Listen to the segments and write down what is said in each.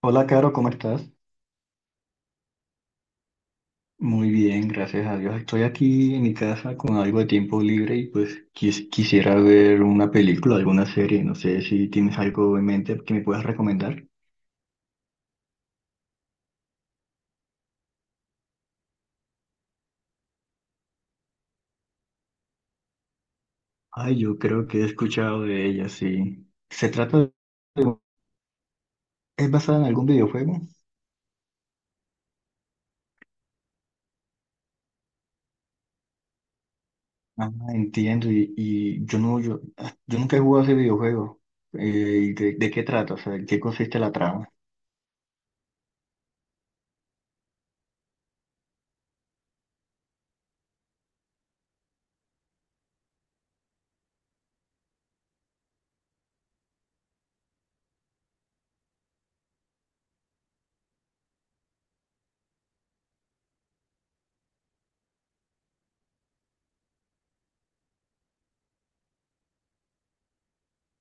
Hola, Caro, ¿cómo estás? Muy bien, gracias a Dios. Estoy aquí en mi casa con algo de tiempo libre y pues quisiera ver una película, alguna serie. No sé si tienes algo en mente que me puedas recomendar. Ay, yo creo que he escuchado de ella, sí. Se trata de... ¿Es basada en algún videojuego? Ah, entiendo. Y yo no, yo, yo nunca he jugado ese videojuego. Eh, ¿Y de qué trata? O sea, ¿en qué consiste la trama?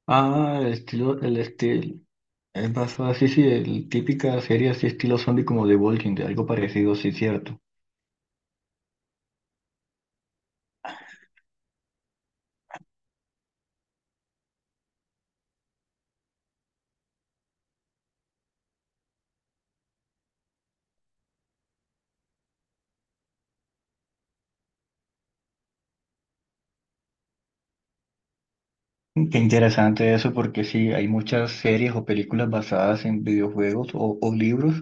Ah, el estilo. Es basada, sí, sí, el, típica serie así estilo zombie como The Walking Dead, algo parecido, sí, cierto. Qué interesante eso porque sí, hay muchas series o películas basadas en videojuegos o libros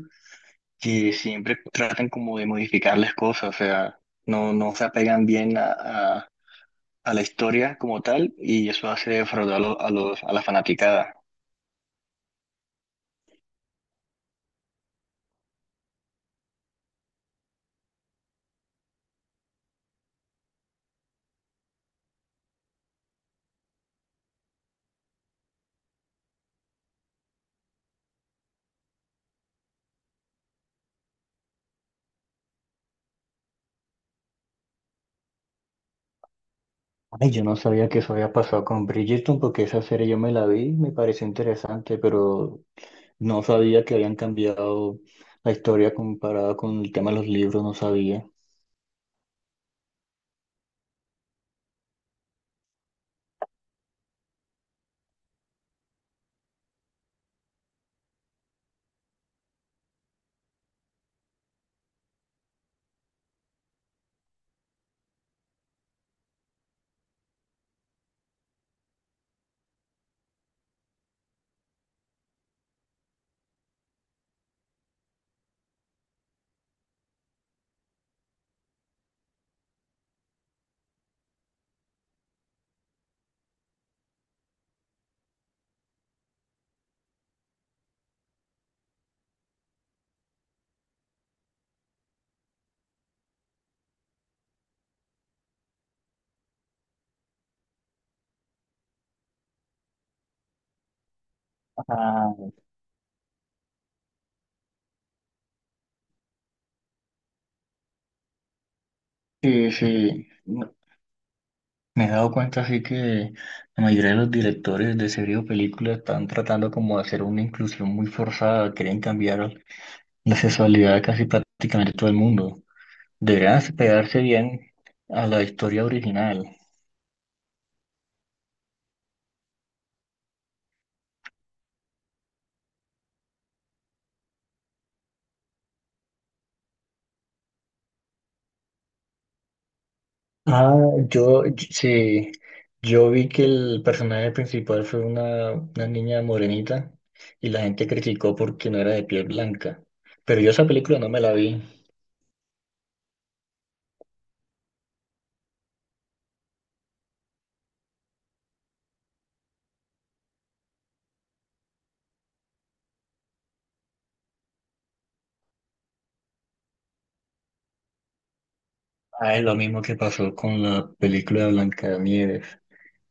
que siempre tratan como de modificar las cosas, o sea, no se apegan bien a la historia como tal y eso hace defraudar a a la fanaticada. Ay, yo no sabía que eso había pasado con Bridgerton porque esa serie yo me la vi, me pareció interesante, pero no sabía que habían cambiado la historia comparada con el tema de los libros, no sabía. Ah, sí, sí. No, me he dado cuenta así que la mayoría de los directores de series o películas están tratando como de hacer una inclusión muy forzada, quieren cambiar la sexualidad de casi prácticamente todo el mundo. Deberían pegarse bien a la historia original. Ah, sí, yo vi que el personaje principal fue una niña morenita y la gente criticó porque no era de piel blanca. Pero yo esa película no me la vi. Ah, es lo mismo que pasó con la película de Blancanieves.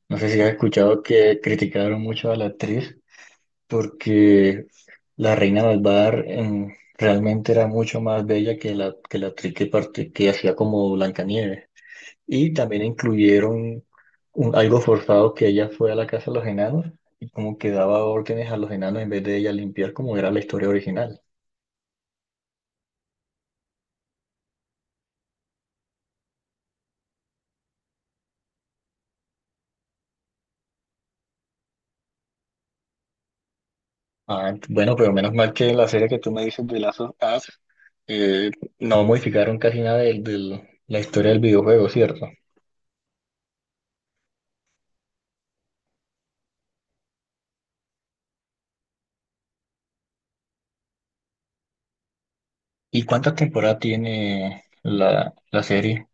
No sé si has escuchado que criticaron mucho a la actriz porque la reina malvada realmente era mucho más bella que que la actriz que hacía como Blancanieves. Y también incluyeron algo forzado que ella fue a la casa de los enanos y como que daba órdenes a los enanos en vez de ella limpiar como era la historia original. Ah, bueno, pero menos mal que la serie que tú me dices de Last of Us, eh, no modificaron casi nada de la historia del videojuego, ¿cierto? ¿Y cuántas temporadas tiene la serie?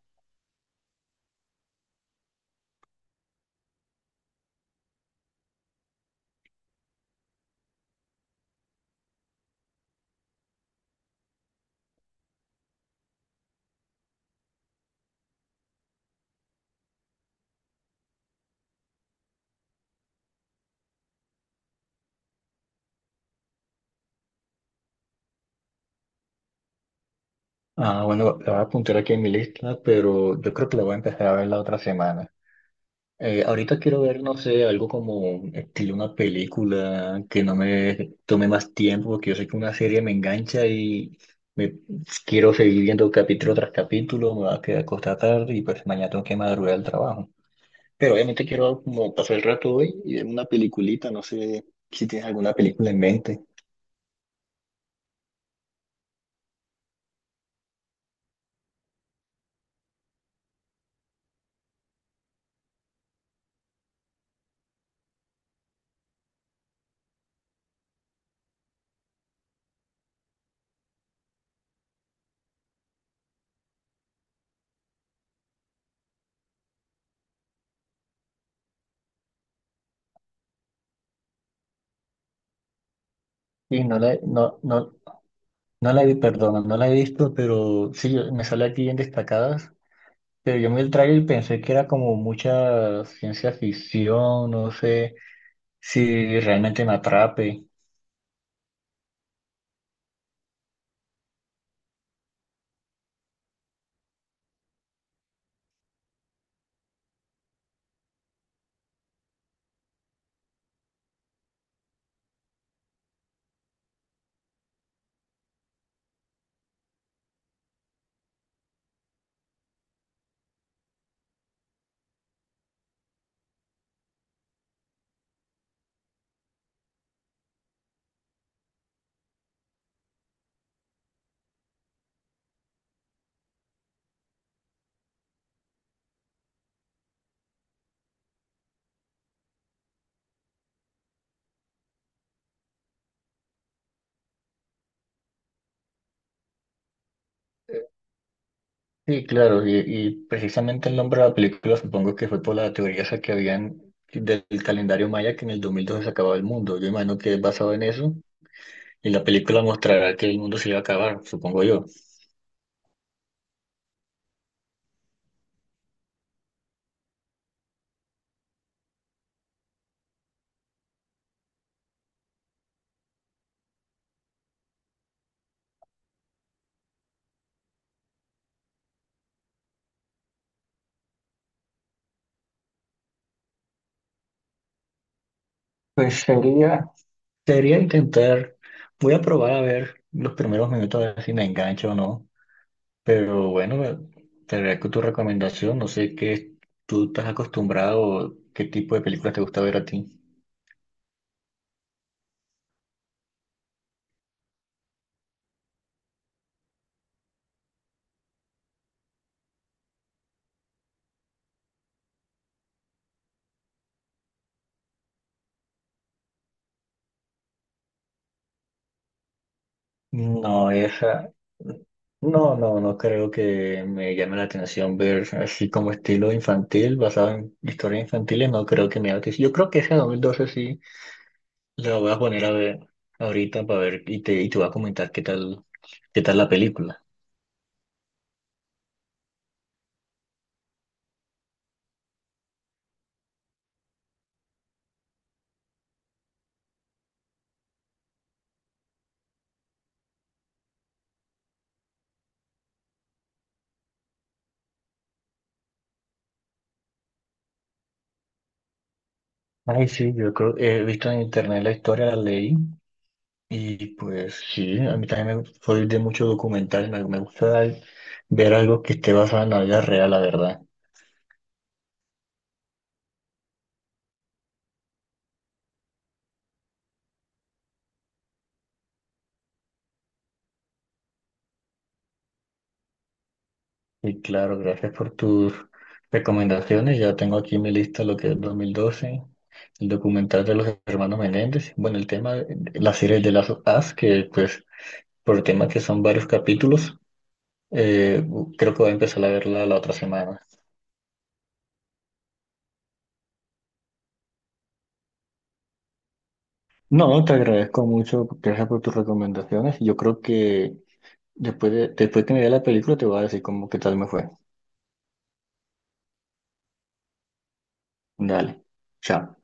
Ah, bueno, la voy a apuntar aquí en mi lista, pero yo creo que la voy a empezar a ver la otra semana. Ahorita quiero ver, no sé, algo como estilo una película que no me tome más tiempo, porque yo sé que una serie me engancha y me quiero seguir viendo capítulo tras capítulo, me va a quedar acostada tarde y pues mañana tengo que madrugar al trabajo. Pero obviamente quiero como pasar el rato hoy y ver una peliculita, no sé si tienes alguna película en mente. Sí, no, no la vi, perdona, no la he visto, pero sí, me sale aquí en destacadas. Pero yo me el tráiler y pensé que era como mucha ciencia ficción, no sé si realmente me atrape. Sí, claro, y precisamente el nombre de la película supongo que fue por la teoría esa que habían del calendario maya que en el 2012 se acababa el mundo. Yo imagino que es basado en eso y la película mostrará que el mundo se iba a acabar, supongo yo. Pues sería, sería intentar, voy a probar a ver los primeros minutos a ver si me engancho o no. Pero bueno, te agradezco tu recomendación. No sé qué tú estás acostumbrado, qué tipo de películas te gusta ver a ti. No, esa. No, no, no creo que me llame la atención ver así como estilo infantil, basado en historias infantiles. No creo que me llame la atención. Yo creo que esa 2012 sí la voy a poner a ver ahorita para ver y y te voy a comentar qué tal la película. Ay, sí, yo creo, he visto en internet la historia, la leí. Y pues sí, a mí también soy de muchos documentales, me gusta ver algo que esté basado en la vida real, la verdad. Y claro, gracias por tus recomendaciones. Ya tengo aquí en mi lista lo que es 2012, el documental de los hermanos Menéndez. Bueno, el tema de la serie de las As, que pues por tema que son varios capítulos, eh, creo que voy a empezar a verla la otra semana. No, te agradezco mucho, gracias por tus recomendaciones. Yo creo que... Después de, después que me vea la película te voy a decir cómo qué tal me fue. Dale. Chao.